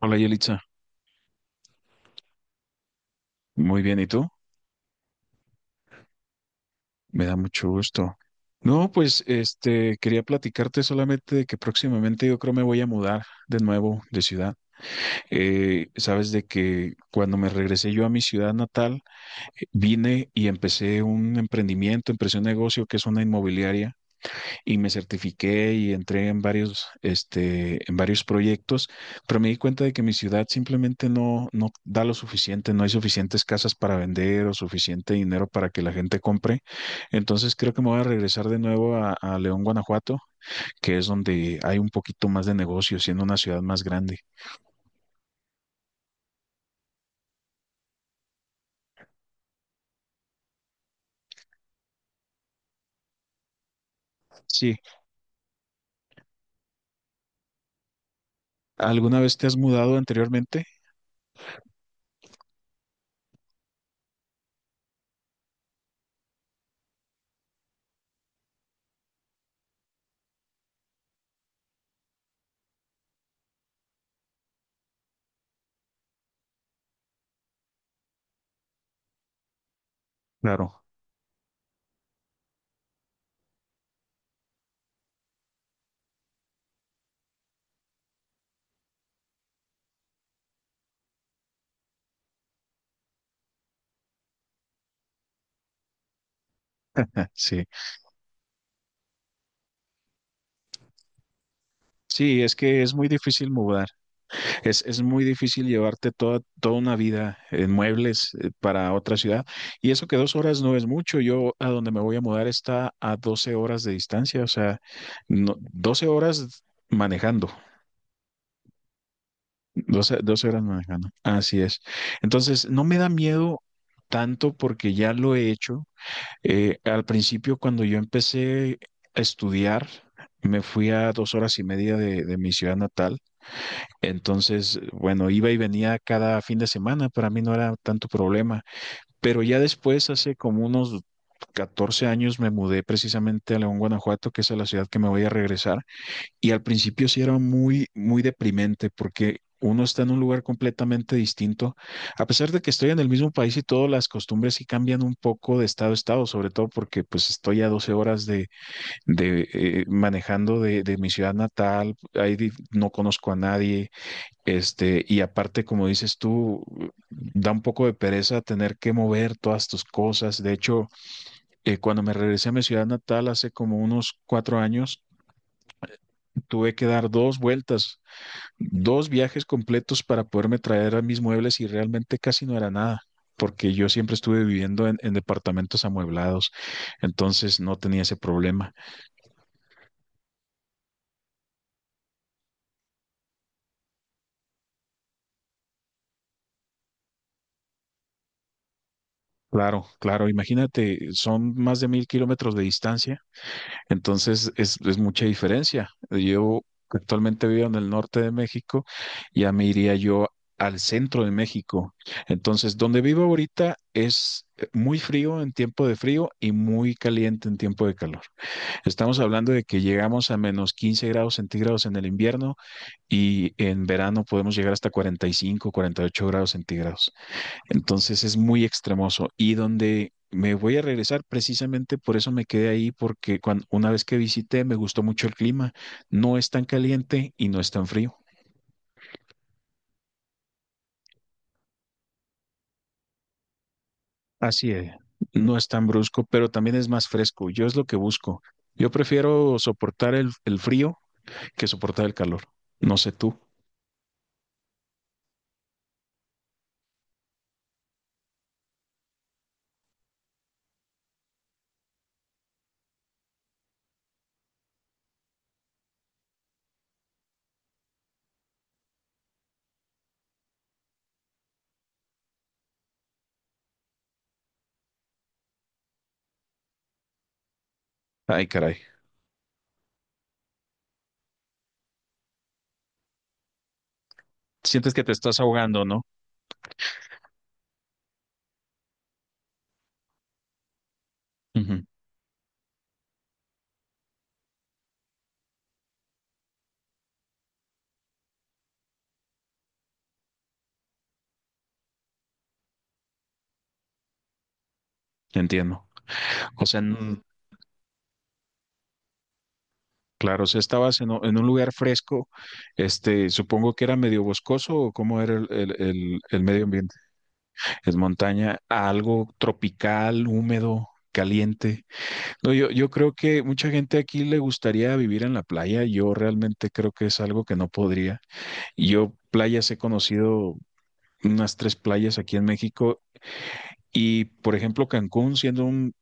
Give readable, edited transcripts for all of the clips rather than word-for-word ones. Hola Yelitza, muy bien, ¿y tú? Me da mucho gusto. No, pues quería platicarte solamente de que próximamente yo creo me voy a mudar de nuevo de ciudad. Sabes de que cuando me regresé yo a mi ciudad natal, vine y empecé un emprendimiento, empecé un negocio que es una inmobiliaria. Y me certifiqué y entré en en varios proyectos, pero me di cuenta de que mi ciudad simplemente no da lo suficiente, no hay suficientes casas para vender o suficiente dinero para que la gente compre. Entonces creo que me voy a regresar de nuevo a León, Guanajuato, que es donde hay un poquito más de negocio, siendo una ciudad más grande. Sí, ¿alguna vez te has mudado anteriormente? Claro, sí. Sí, es que es muy difícil mudar. Es muy difícil llevarte toda una vida en muebles para otra ciudad. Y eso que 2 horas no es mucho. Yo a donde me voy a mudar está a 12 horas de distancia. O sea, no, 12 horas manejando. 12 horas manejando. Así es. Entonces, no me da miedo tanto porque ya lo he hecho. Al principio, cuando yo empecé a estudiar, me fui a 2 horas y media de mi ciudad natal. Entonces, bueno, iba y venía cada fin de semana. Para mí no era tanto problema. Pero ya después, hace como unos 14 años, me mudé precisamente a León, Guanajuato, que es a la ciudad que me voy a regresar. Y al principio sí era muy, muy deprimente porque uno está en un lugar completamente distinto. A pesar de que estoy en el mismo país y todas las costumbres sí cambian un poco de estado a estado, sobre todo porque pues estoy a 12 horas de manejando de mi ciudad natal, ahí no conozco a nadie, y aparte, como dices tú, da un poco de pereza tener que mover todas tus cosas. De hecho, cuando me regresé a mi ciudad natal hace como unos 4 años, tuve que dar dos vueltas, dos viajes completos para poderme traer a mis muebles y realmente casi no era nada, porque yo siempre estuve viviendo en departamentos amueblados, entonces no tenía ese problema. Claro, claro, imagínate, son más de 1000 kilómetros de distancia, entonces es mucha diferencia. Yo actualmente vivo en el norte de México, ya me iría yo al centro de México. Entonces, donde vivo ahorita es muy frío en tiempo de frío y muy caliente en tiempo de calor. Estamos hablando de que llegamos a menos 15 grados centígrados en el invierno y en verano podemos llegar hasta 45, 48 grados centígrados. Entonces es muy extremoso. Y donde me voy a regresar, precisamente por eso me quedé ahí, porque una vez que visité me gustó mucho el clima. No es tan caliente y no es tan frío. Así es. No es tan brusco, pero también es más fresco. Yo es lo que busco. Yo prefiero soportar el frío que soportar el calor. No sé tú. Ay, caray. Sientes que te estás ahogando, ¿no? Ujú. Entiendo. O sea, claro, o sea, estabas en un lugar fresco, supongo que era medio boscoso o cómo era el medio ambiente. Es montaña, algo tropical, húmedo, caliente. No, yo creo que mucha gente aquí le gustaría vivir en la playa. Yo realmente creo que es algo que no podría. Yo playas he conocido unas tres playas aquí en México y, por ejemplo, Cancún, siendo un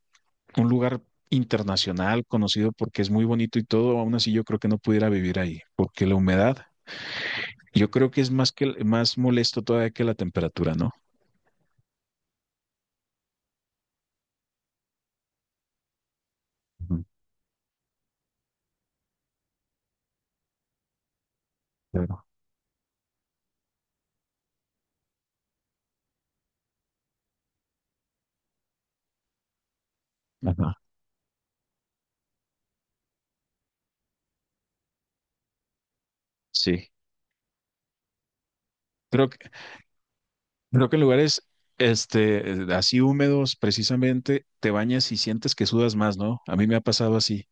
un lugar internacional conocido porque es muy bonito y todo, aún así yo creo que no pudiera vivir ahí, porque la humedad, yo creo que es más molesto todavía que la temperatura, ¿no? Ujú. Claro. Ajá. Sí. Creo, Creo que en lugares así húmedos, precisamente, te bañas y sientes que sudas más, ¿no? A mí me ha pasado así.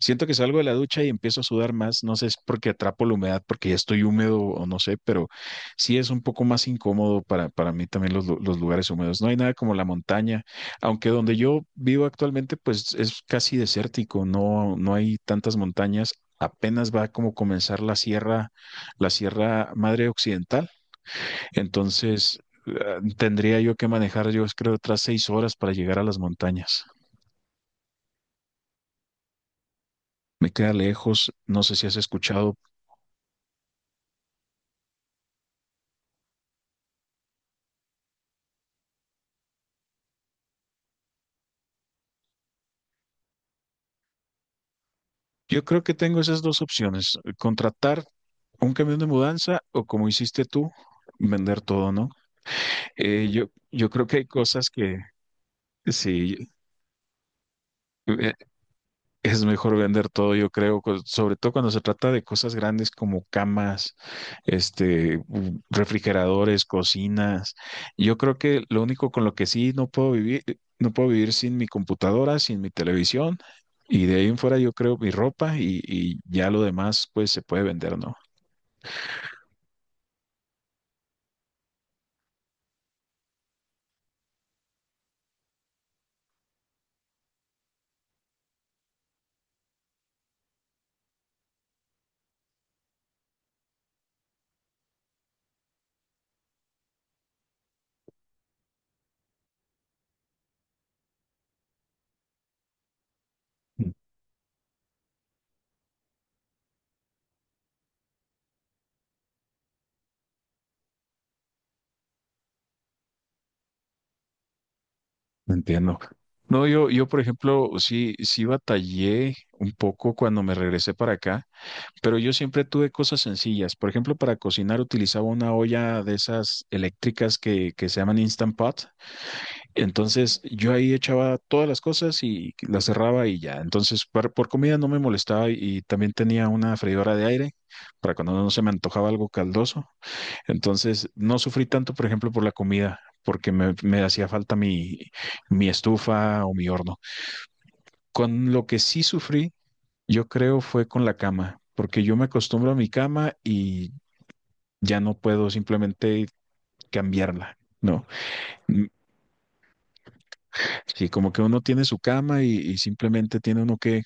Siento que salgo de la ducha y empiezo a sudar más. No sé si es porque atrapo la humedad, porque ya estoy húmedo o no sé, pero sí es un poco más incómodo para mí también los, los lugares húmedos. No hay nada como la montaña, aunque donde yo vivo actualmente, pues es casi desértico, no hay tantas montañas. Apenas va como comenzar la Sierra Madre Occidental. Entonces, tendría yo que manejar, yo creo, otras 6 horas para llegar a las montañas. Me queda lejos, no sé si has escuchado. Yo creo que tengo esas dos opciones, contratar un camión de mudanza o como hiciste tú, vender todo, ¿no? Eh, yo, yo creo que hay cosas que, sí, eh, Es mejor vender todo, yo creo, sobre todo cuando se trata de cosas grandes como camas, refrigeradores, cocinas. Yo creo que lo único con lo que sí no puedo vivir sin mi computadora, sin mi televisión, y de ahí en fuera yo creo mi ropa y ya lo demás pues se puede vender, ¿no? Entiendo. No, por ejemplo, sí, sí batallé un poco cuando me regresé para acá, pero yo siempre tuve cosas sencillas. Por ejemplo, para cocinar utilizaba una olla de esas eléctricas que se llaman Instant Pot. Entonces, yo ahí echaba todas las cosas y las cerraba y ya. Entonces, por comida no me molestaba y también tenía una freidora de aire para cuando no se me antojaba algo caldoso. Entonces, no sufrí tanto, por ejemplo, por la comida, porque me hacía falta mi estufa o mi horno. Con lo que sí sufrí, yo creo, fue con la cama, porque yo me acostumbro a mi cama y ya no puedo simplemente cambiarla. No, mm, sí, como que uno tiene su cama y simplemente tiene uno que,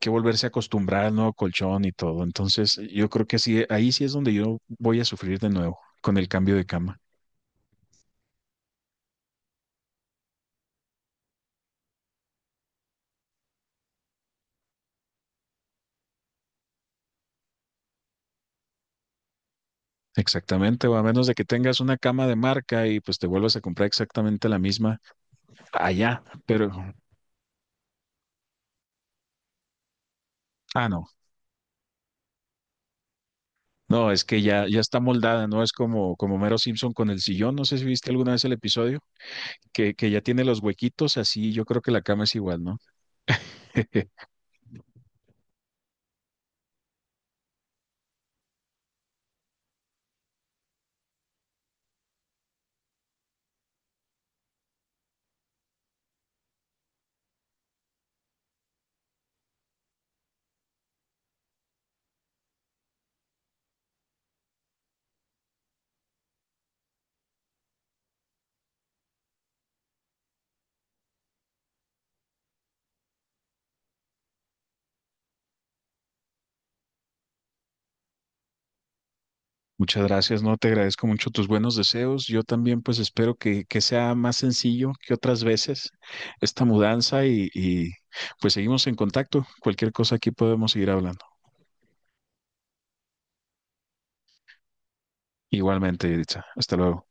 que volverse a acostumbrar al nuevo colchón y todo. Entonces, yo creo que sí, ahí sí es donde yo voy a sufrir de nuevo con el cambio de cama. Exactamente, o a menos de que tengas una cama de marca y pues te vuelvas a comprar exactamente la misma allá, pero ah, no, no, es que ya está moldada, no es como Homero Simpson con el sillón, no sé si viste alguna vez el episodio que ya tiene los huequitos así, yo creo que la cama es igual, ¿no? Muchas gracias, no, te agradezco mucho tus buenos deseos. Yo también pues espero que sea más sencillo que otras veces esta mudanza y pues seguimos en contacto. Cualquier cosa aquí podemos seguir hablando. Igualmente, Editza, hasta luego.